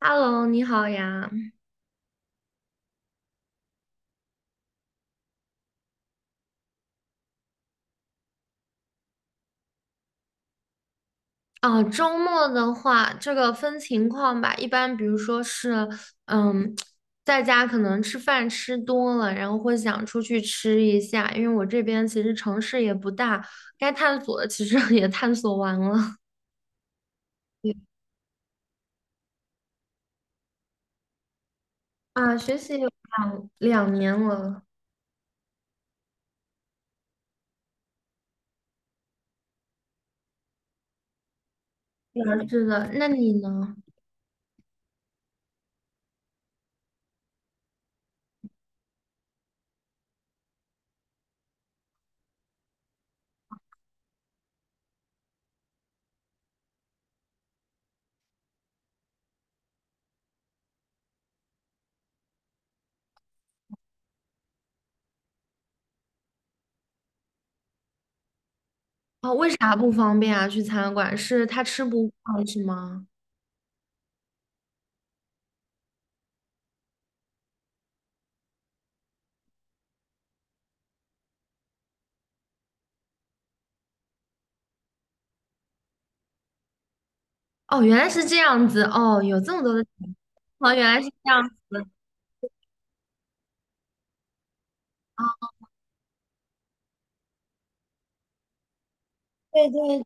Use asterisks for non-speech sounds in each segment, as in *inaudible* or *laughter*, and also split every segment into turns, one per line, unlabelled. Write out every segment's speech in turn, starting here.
Hello，你好呀。哦，周末的话，这个分情况吧。一般比如说是，嗯，在家可能吃饭吃多了，然后会想出去吃一下，因为我这边其实城市也不大，该探索的其实 *laughs* 也探索完了。对啊，学习有两两年了。对啊是的，那你呢？哦，为啥不方便啊？去餐馆是他吃不惯是吗？哦，原来是这样子。哦，有这么多的，哦，原来是这样子。对对。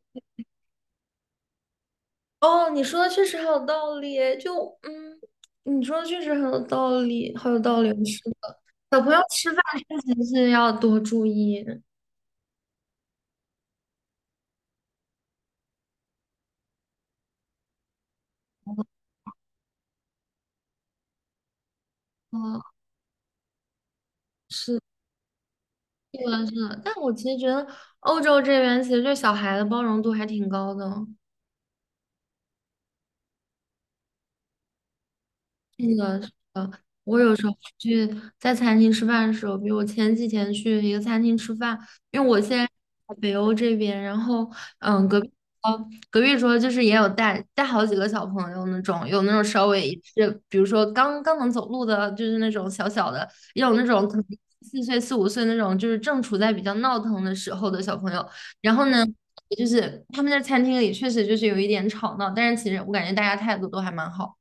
哦，你说的确实很有道理耶就嗯，你说的确实很有道理，好有道理，是的。小朋友吃饭确实是要多注意，哦，是的，是的。但我其实觉得欧洲这边其实对小孩的包容度还挺高的。那个是的，我有时候去在餐厅吃饭的时候，比如我前几天去一个餐厅吃饭，因为我现在在北欧这边，然后嗯，隔壁隔壁桌就是也有带好几个小朋友那种，有那种稍微是比如说刚刚能走路的，就是那种小小的，也有那种可能4岁4、5岁那种，就是正处在比较闹腾的时候的小朋友，然后呢。就是他们在餐厅里确实就是有一点吵闹，但是其实我感觉大家态度都还蛮好。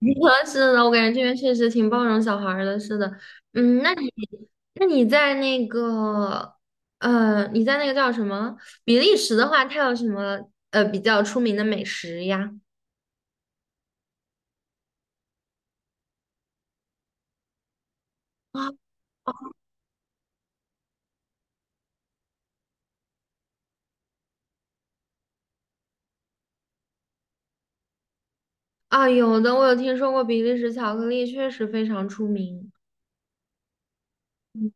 *laughs* 是的，我感觉这边确实挺包容小孩儿的。是的，嗯，那你那你在那个你在那个叫什么比利时的话，它有什么比较出名的美食呀？*gasps* 啊啊，有的，我有听说过比利时巧克力，确实非常出名。嗯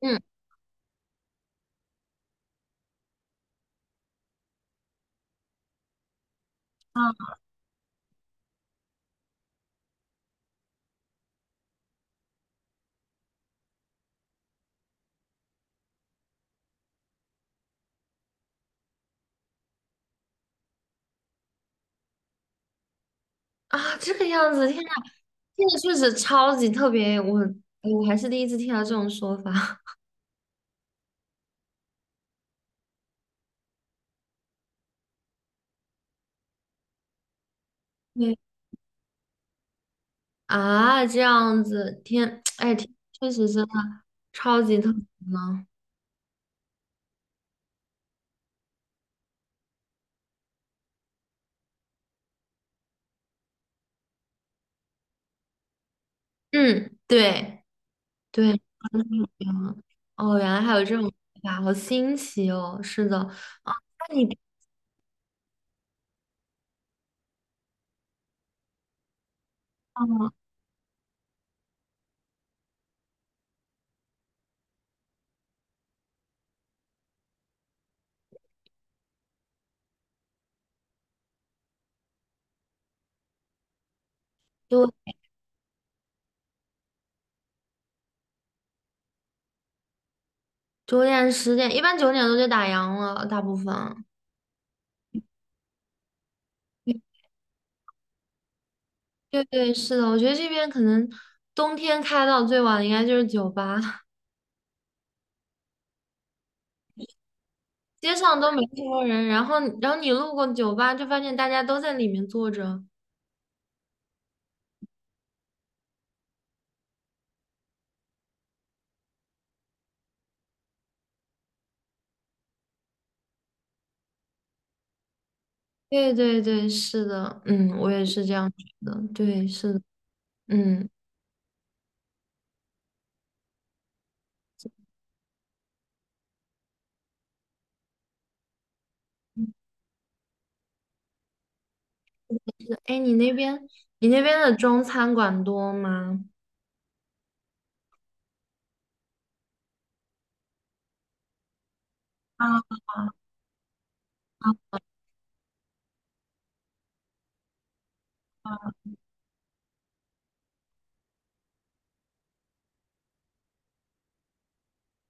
嗯啊，啊这个样子，天呐，这个确实超级特别，我还是第一次听到这种说法。*laughs* 啊，这样子，天，*tsk* 哎，天确实真的超级特别呢。嗯，对对，嗯，哦，原来还有这种说法，好新奇哦。是的，啊，那你哦，就9点10点，一般9点多就打烊了，大部分。对对对是的，我觉得这边可能冬天开到最晚的应该就是酒吧，*laughs* 街上都没什么人，然后你路过酒吧就发现大家都在里面坐着。对对对，是的，嗯，我也是这样觉得，对，是的，嗯，哎，你那边你那边的中餐馆多吗？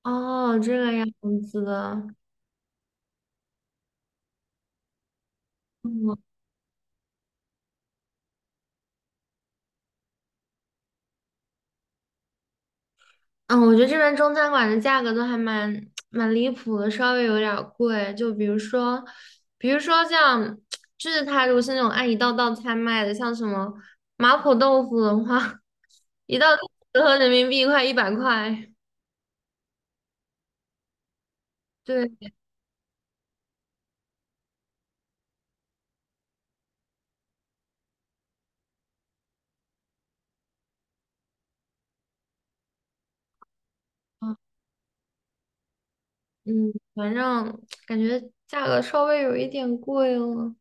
哦，这个样子的，嗯嗯我觉得这边中餐馆的价格都还蛮离谱的，稍微有点儿贵，就比如说，比如说像，就是它如果是那种按一道道菜卖的，像什么麻婆豆腐的话，*laughs* 一道豆腐折合人民币快100块，对。嗯嗯，反正 *tsk* 感觉价格稍微有一点贵了，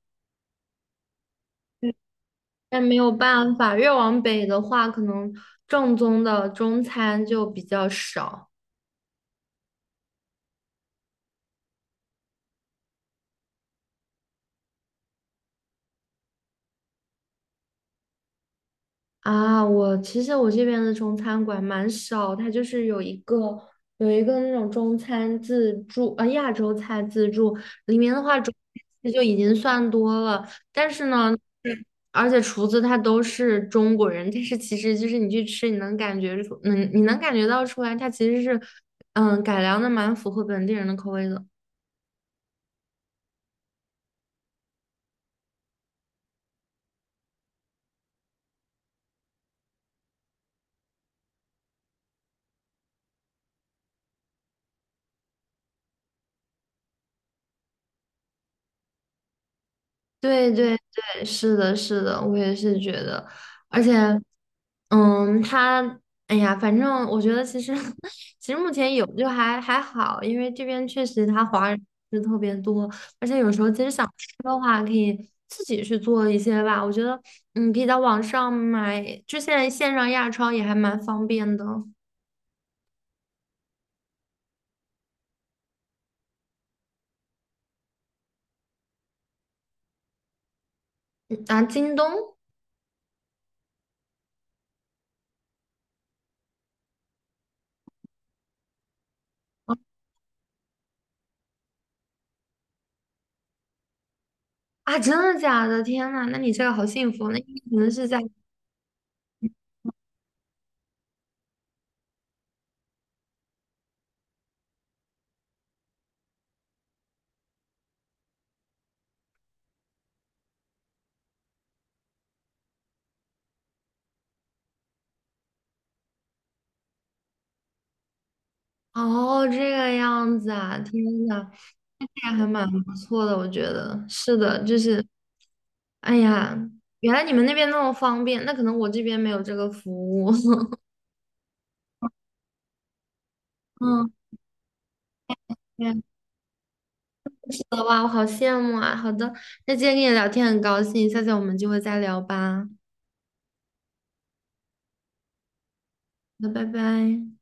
但没有办法，越往北的话，可能正宗的中餐就比较少。啊，我其实这边的中餐馆蛮少，它就是有一个有一个那种中餐自助，亚洲菜自助，里面的话中餐就已经算多了，但是呢，嗯而且厨子他都是中国人，但是其实就是你去吃，你能感觉出，嗯，你能感觉到出来，它其实是改良的蛮符合本地人的口味的。对对对，是的，是的，我也是觉得，而且，嗯，他，哎呀，反正我觉得其实 *laughs* 其实目前有就还好，因为这边确实他华人是特别多，的话可以自己去做一些吧，我觉得，嗯，可以在网上买，就现在线上亚超也还蛮方便的，嗯啊，京东啊，真的假的？天呐，那你这个好幸福，那你可能是在。哦，这个样子啊，天呐，也还蛮不错的，我觉得是的，就是，哎呀，原来你们那边那么方便，那可能我这边没有这个服务。*laughs* 嗯，对，是的，哇，我好羡慕啊。好的，那今天跟你聊天很高兴，下次我们就会再聊吧。那拜拜。